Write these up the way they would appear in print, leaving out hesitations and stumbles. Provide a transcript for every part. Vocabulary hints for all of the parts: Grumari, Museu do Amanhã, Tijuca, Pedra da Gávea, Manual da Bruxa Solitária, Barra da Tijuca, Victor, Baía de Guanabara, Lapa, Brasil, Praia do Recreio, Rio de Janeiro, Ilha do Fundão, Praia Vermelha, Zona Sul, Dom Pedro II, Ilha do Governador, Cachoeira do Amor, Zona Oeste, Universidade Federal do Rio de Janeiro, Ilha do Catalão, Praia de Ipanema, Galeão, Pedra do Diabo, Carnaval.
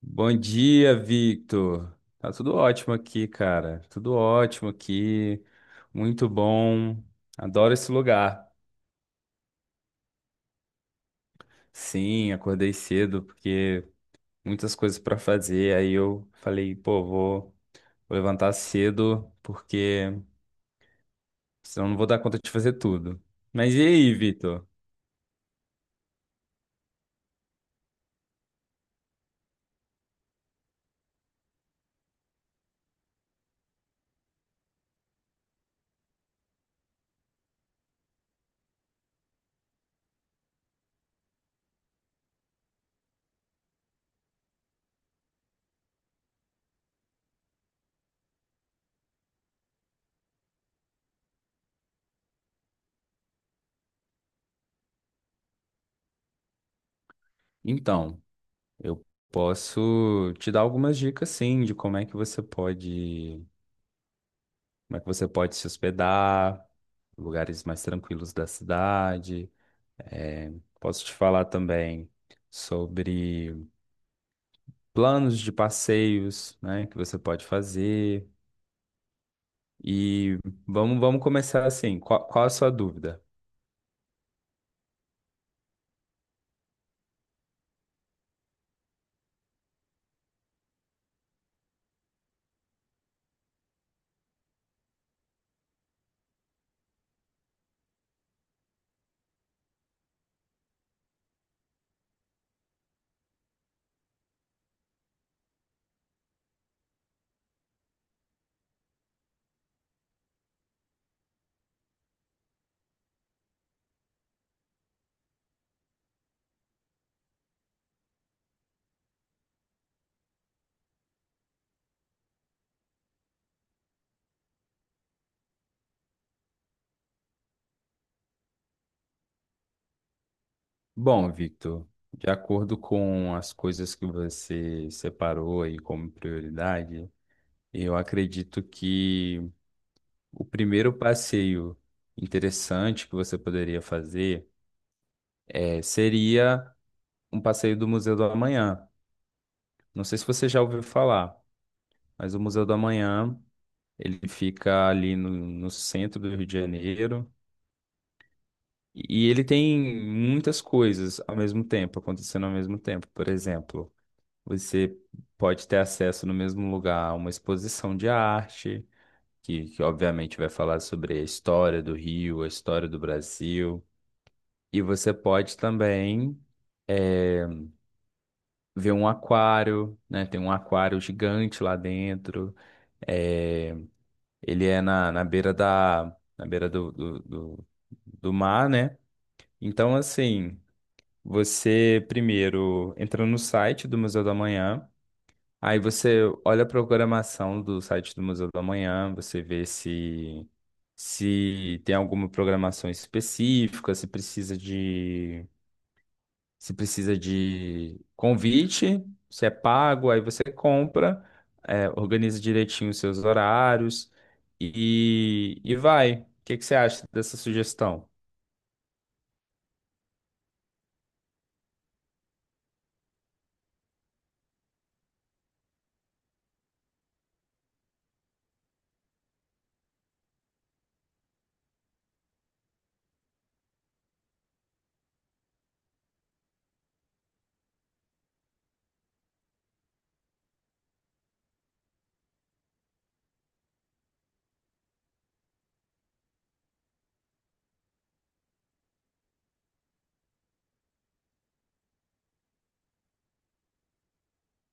Bom dia, Victor. Tá tudo ótimo aqui, cara. Tudo ótimo aqui. Muito bom. Adoro esse lugar. Sim, acordei cedo porque muitas coisas para fazer. Aí eu falei, pô, vou levantar cedo porque senão não vou dar conta de fazer tudo. Mas e aí, Victor? Então, eu posso te dar algumas dicas, sim, de como é que você pode se hospedar, lugares mais tranquilos da cidade. É, posso te falar também sobre planos de passeios, né, que você pode fazer. E vamos começar assim. Qual a sua dúvida? Bom, Victor, de acordo com as coisas que você separou aí como prioridade, eu acredito que o primeiro passeio interessante que você poderia fazer seria um passeio do Museu do Amanhã. Não sei se você já ouviu falar, mas o Museu do Amanhã, ele fica ali no centro do Rio de Janeiro, e ele tem muitas coisas ao mesmo tempo, acontecendo ao mesmo tempo. Por exemplo, você pode ter acesso no mesmo lugar a uma exposição de arte, que obviamente vai falar sobre a história do Rio, a história do Brasil. E você pode também eh, ver um aquário, né? Tem um aquário gigante lá dentro. É, ele é na beira do mar, né? Então, assim, você primeiro entra no site do Museu da Manhã, aí você olha a programação do site do Museu da Manhã, você vê se tem alguma programação específica, se precisa de você precisa de convite, você é pago, aí você compra, é, organiza direitinho os seus horários e vai. O que que você acha dessa sugestão?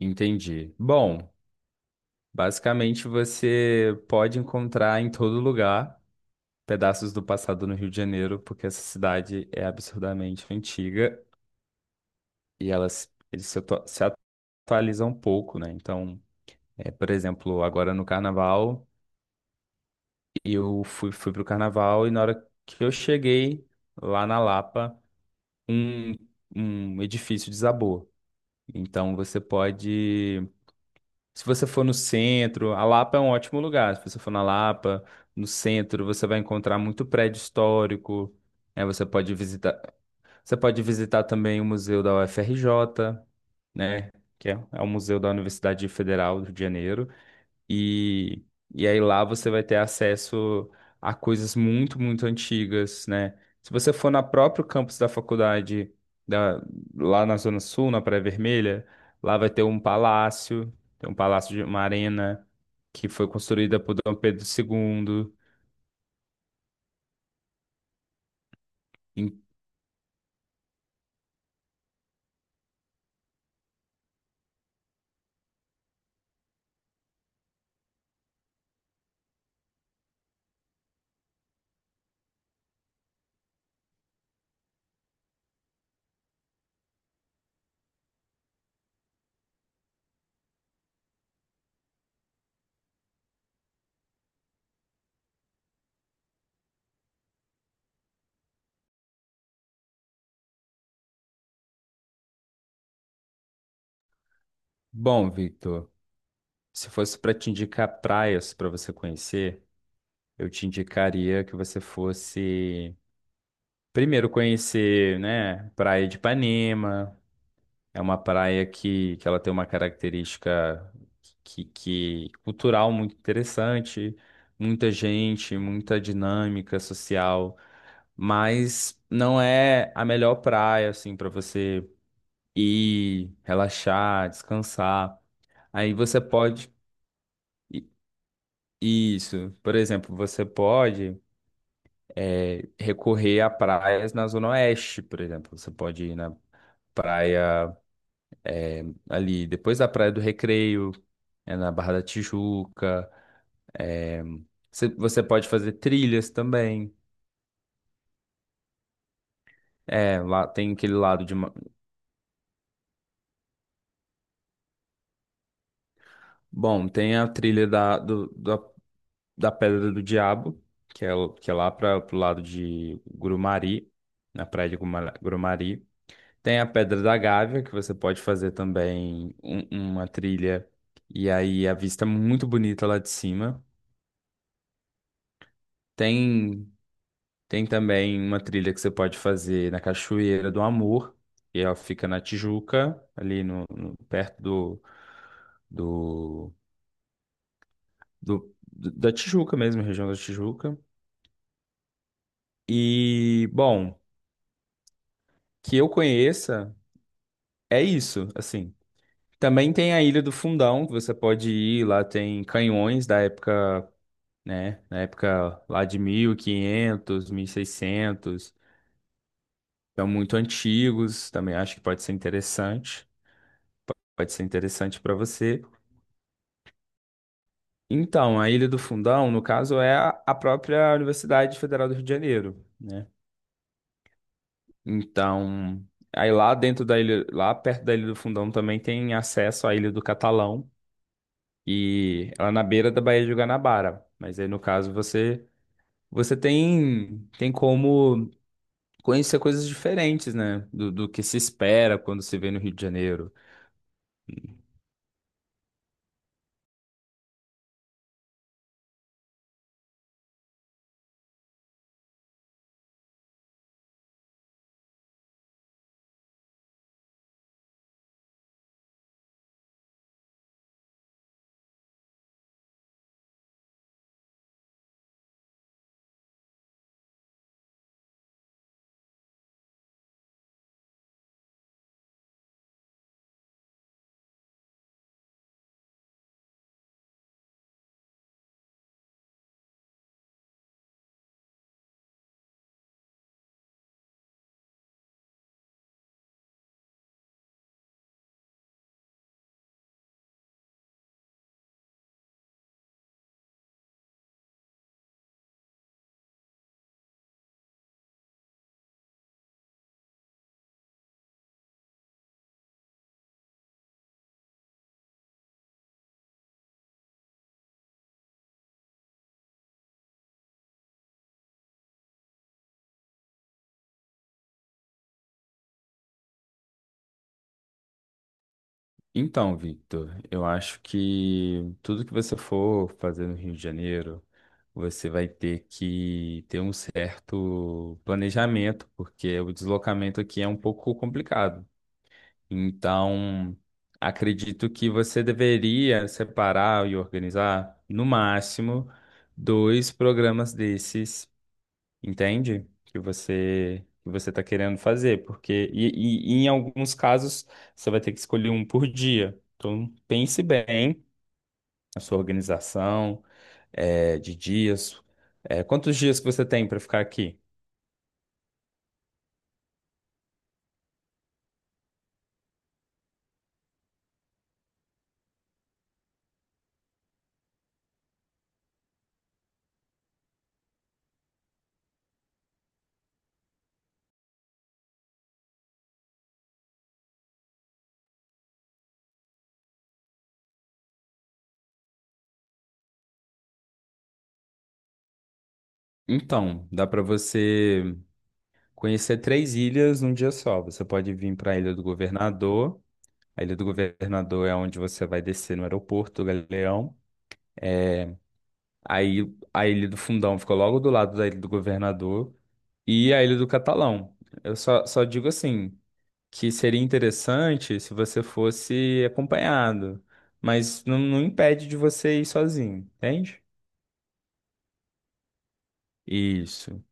Entendi. Bom, basicamente você pode encontrar em todo lugar pedaços do passado no Rio de Janeiro, porque essa cidade é absurdamente antiga e elas eles se atualizam um pouco, né? Então, é, por exemplo, agora no Carnaval. E eu fui pro carnaval, e na hora que eu cheguei lá na Lapa, um, um edifício desabou. Então você pode, se você for no centro, a Lapa é um ótimo lugar. Se você for na Lapa, no centro, você vai encontrar muito prédio histórico, né? Você pode visitar também o Museu da UFRJ, né? Que é o Museu da Universidade Federal do Rio de Janeiro. E, e aí lá você vai ter acesso a coisas muito, muito antigas, né? Se você for na próprio campus da faculdade, da- lá na Zona Sul, na Praia Vermelha, lá vai ter um palácio, tem um palácio de uma arena que foi construída por Dom Pedro II. E, bom, Victor, se fosse para te indicar praias para você conhecer, eu te indicaria que você fosse primeiro conhecer, né, Praia de Ipanema. É uma praia que ela tem uma característica que cultural muito interessante, muita gente, muita dinâmica social, mas não é a melhor praia assim para você ir, relaxar, descansar. Aí você pode i- isso, por exemplo, você pode recorrer a praias na Zona Oeste, por exemplo, você pode ir na praia ali depois da Praia do Recreio, é na Barra da Tijuca. É, você pode fazer trilhas também. É, lá tem aquele lado de. Bom, tem a trilha da Pedra do Diabo, que é lá para pro lado de Grumari, na praia de Grumari. Tem a Pedra da Gávea, que você pode fazer também uma trilha. E aí a vista é muito bonita lá de cima. Tem. Tem também uma trilha que você pode fazer na Cachoeira do Amor, que ela fica na Tijuca, ali no, no- perto do, do, do- do- da Tijuca mesmo, região da Tijuca. E, bom, que eu conheça, é isso, assim. Também tem a Ilha do Fundão, que você pode ir, lá tem canhões da época, né, na época lá de 1500, seiscentos, são muito antigos, também acho que pode ser interessante. Para você. Então, a Ilha do Fundão, no caso, é a própria Universidade Federal do Rio de Janeiro, né? Então, aí lá dentro da ilha, lá perto da Ilha do Fundão também tem acesso à Ilha do Catalão, e ela é na beira da Baía de Guanabara. Mas aí, no caso, você tem como conhecer coisas diferentes, né? Do que se espera quando se vê no Rio de Janeiro. Então, Victor, eu acho que tudo que você for fazer no Rio de Janeiro, você vai ter que ter um certo planejamento, porque o deslocamento aqui é um pouco complicado. Então, acredito que você deveria separar e organizar, no máximo, dois programas desses, entende? Que você está querendo fazer, porque e em alguns casos você vai ter que escolher um por dia. Então pense bem na sua organização, é, de dias. É, quantos dias que você tem para ficar aqui? Então, dá para você conhecer três ilhas num dia só. Você pode vir para a Ilha do Governador. A Ilha do Governador é onde você vai descer no aeroporto do Galeão. Aí a Ilha do Fundão fica logo do lado da Ilha do Governador e a Ilha do Catalão. Eu só digo assim, que seria interessante se você fosse acompanhado, mas não impede de você ir sozinho, entende? Isso.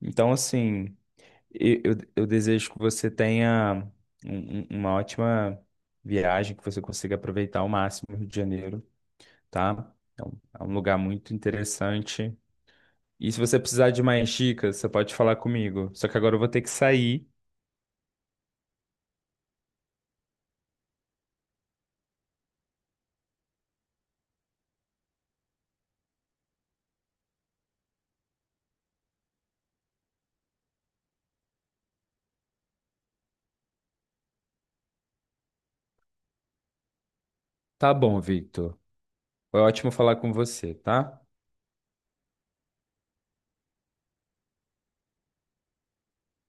Então, assim, eu desejo que você tenha uma ótima viagem, que você consiga aproveitar ao máximo o Rio de Janeiro, tá? É um, é um lugar muito interessante. E se você precisar de mais dicas, você pode falar comigo. Só que agora eu vou ter que sair. Tá bom, Victor. Foi ótimo falar com você, tá?